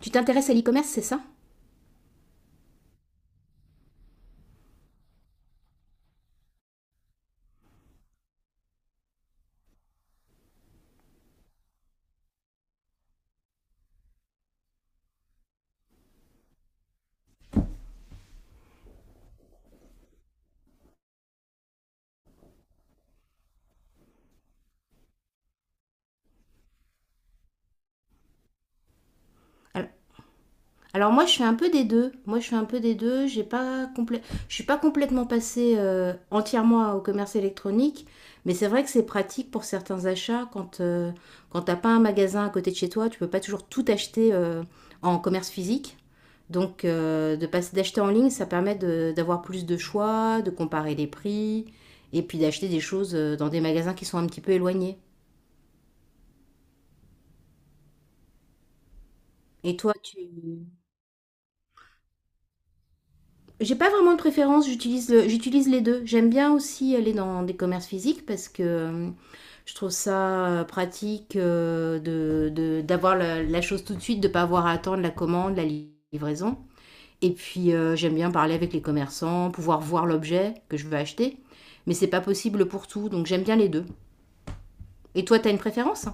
Tu t'intéresses à l'e-commerce, c'est ça? Alors, moi, je fais un peu des deux. Moi, je fais un peu des deux. J'ai pas complè- Je suis pas complètement passée entièrement au commerce électronique, mais c'est vrai que c'est pratique pour certains achats. Quand t'as pas un magasin à côté de chez toi, tu peux pas toujours tout acheter en commerce physique. De passer d'acheter en ligne, ça permet d'avoir plus de choix, de comparer les prix, et puis d'acheter des choses dans des magasins qui sont un petit peu éloignés. Et toi, tu... J'ai pas vraiment de préférence, j'utilise les deux. J'aime bien aussi aller dans des commerces physiques parce que je trouve ça pratique d'avoir la chose tout de suite, de pas avoir à attendre la commande, livraison. Et puis j'aime bien parler avec les commerçants, pouvoir voir l'objet que je veux acheter. Mais c'est pas possible pour tout, donc j'aime bien les deux. Et toi, t'as une préférence?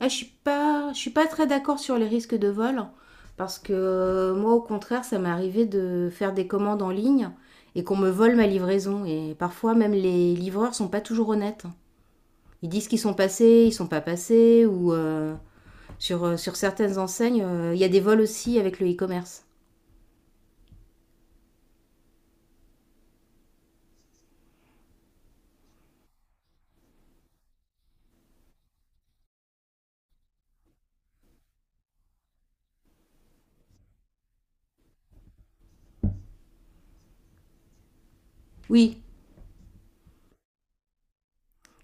Ah, je suis pas très d'accord sur les risques de vol parce que moi, au contraire, ça m'est arrivé de faire des commandes en ligne et qu'on me vole ma livraison. Et parfois, même les livreurs sont pas toujours honnêtes. Ils disent qu'ils sont passés, ils sont pas passés, ou sur certaines enseignes, il y a des vols aussi avec le e-commerce. Oui,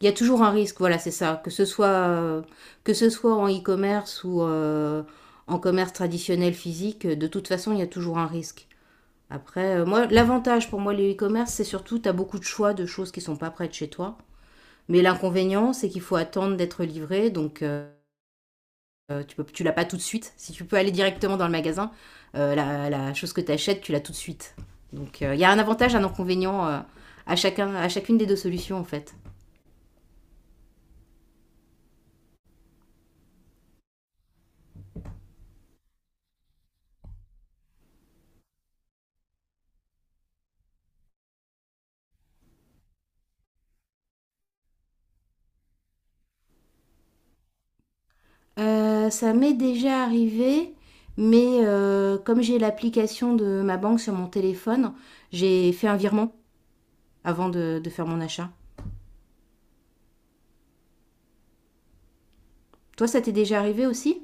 il y a toujours un risque, voilà, c'est ça. Que ce soit en e-commerce ou en commerce traditionnel physique, de toute façon, il y a toujours un risque. Après, moi, l'avantage pour moi, le e-commerce, c'est surtout, tu as beaucoup de choix de choses qui sont pas près de chez toi. Mais l'inconvénient, c'est qu'il faut attendre d'être livré, donc tu peux, tu l'as pas tout de suite. Si tu peux aller directement dans le magasin, la chose que tu achètes, tu l'as tout de suite. Donc il y a un avantage, un inconvénient à, chacun, à chacune des deux solutions en fait. Ça m'est déjà arrivé, mais comme j'ai l'application de ma banque sur mon téléphone, j'ai fait un virement avant de faire mon achat. Toi, ça t'est déjà arrivé aussi?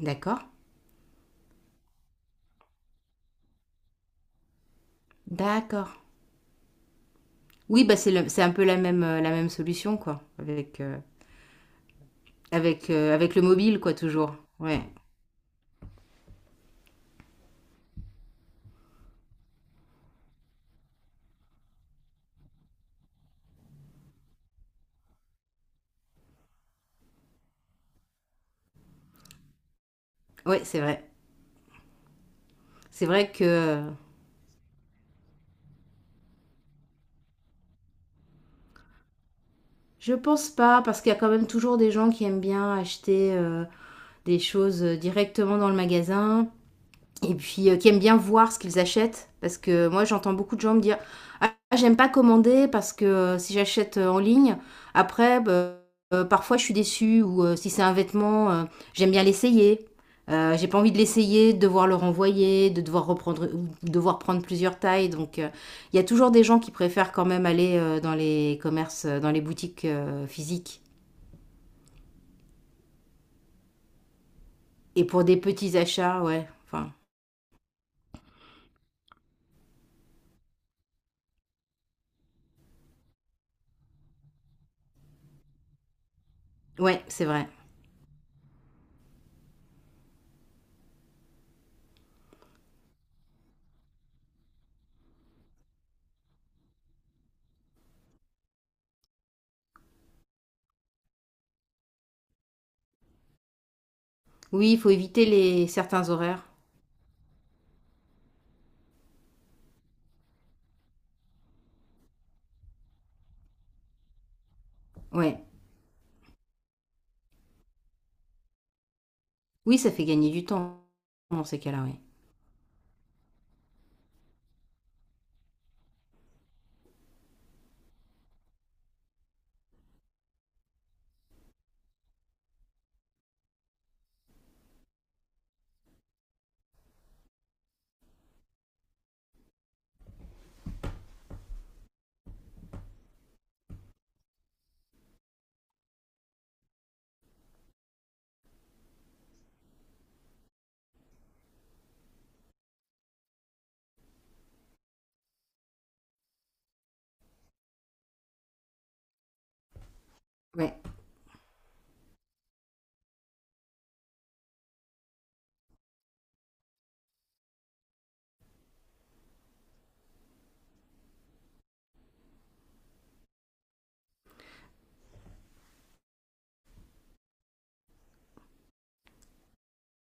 D'accord. D'accord. Oui, bah c'est un peu la même solution, quoi. Avec le mobile, quoi, toujours. Ouais. Ouais, c'est vrai. C'est vrai que je pense pas, parce qu'il y a quand même toujours des gens qui aiment bien acheter des choses directement dans le magasin, et puis qui aiment bien voir ce qu'ils achètent. Parce que moi, j'entends beaucoup de gens me dire: «Ah, j'aime pas commander parce que si j'achète en ligne, après, bah, parfois je suis déçue. Ou si c'est un vêtement, j'aime bien l'essayer. J'ai pas envie de l'essayer, de devoir le renvoyer, de devoir reprendre, ou devoir prendre plusieurs tailles.» Donc, il y a toujours des gens qui préfèrent quand même aller dans les commerces, dans les boutiques physiques. Et pour des petits achats, ouais. Enfin, ouais, c'est vrai. Oui, il faut éviter les certains horaires. Ouais. Oui, ça fait gagner du temps dans ces cas-là, oui. Ouais.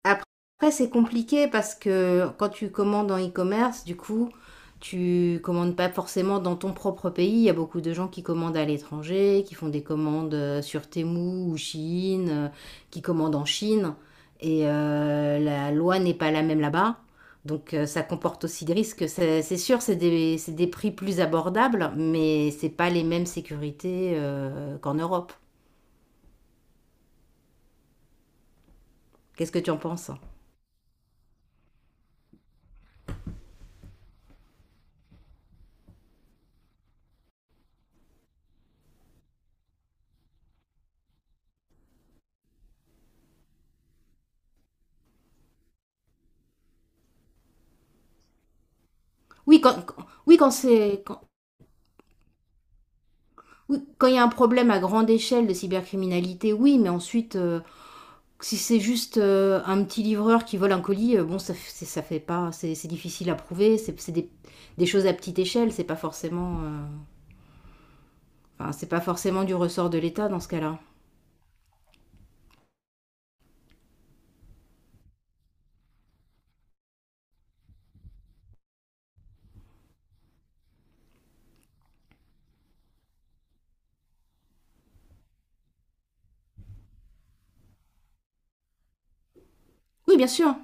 Après, après, c'est compliqué parce que quand tu commandes en e-commerce, du coup, tu commandes pas forcément dans ton propre pays. Il y a beaucoup de gens qui commandent à l'étranger, qui font des commandes sur Temu ou Chine, qui commandent en Chine. Et la loi n'est pas la même là-bas. Donc ça comporte aussi des risques. C'est sûr, c'est des prix plus abordables, mais c'est pas les mêmes sécurités qu'en Europe. Qu'est-ce que tu en penses? Oui, quand, quand- oui, quand c'est, quand, oui, quand il y a un problème à grande échelle de cybercriminalité, oui, mais ensuite, si c'est juste un petit livreur qui vole un colis, bon, ça fait pas, c'est difficile à prouver, c'est des choses à petite échelle, c'est pas forcément, enfin, c'est pas forcément du ressort de l'État dans ce cas-là. Oui, bien sûr.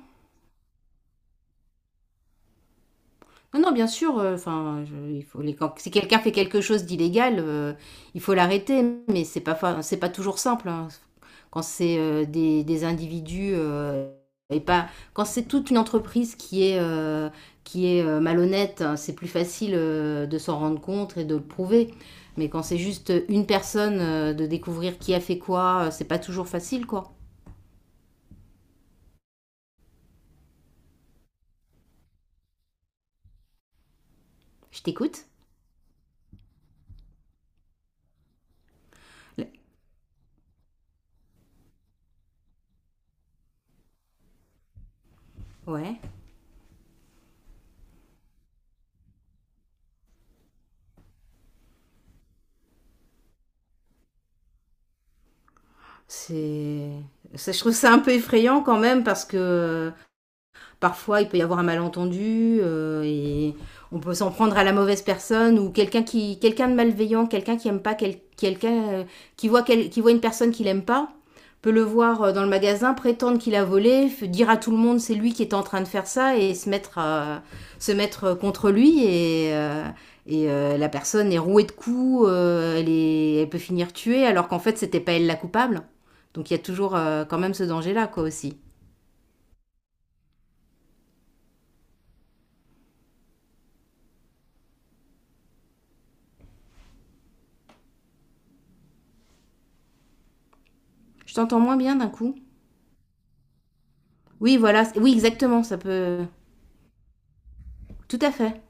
Non, non, bien sûr, enfin, il faut quand- si quelqu'un fait quelque chose d'illégal, il faut l'arrêter, mais c'est pas toujours simple, hein. Quand c'est des individus et pas, quand c'est toute une entreprise qui est malhonnête, hein, c'est plus facile de s'en rendre compte et de le prouver. Mais quand c'est juste une personne, de découvrir qui a fait quoi, c'est pas toujours facile, quoi. Je t'écoute. Ouais. C'est. Ça, je trouve ça un peu effrayant quand même parce que parfois, il peut y avoir un malentendu et on peut s'en prendre à la mauvaise personne, ou quelqu'un de malveillant, quelqu'un qui aime pas, quelqu'un qui voit une personne qu'il aime pas, peut le voir dans le magasin, prétendre qu'il a volé, dire à tout le monde c'est lui qui est en train de faire ça, et se mettre contre lui et la personne est rouée de coups, elle peut finir tuée alors qu'en fait c'était pas elle la coupable. Donc il y a toujours quand même ce danger là quoi aussi. Je t'entends moins bien d'un coup. Oui, voilà. Oui, exactement. Ça peut. Tout à fait.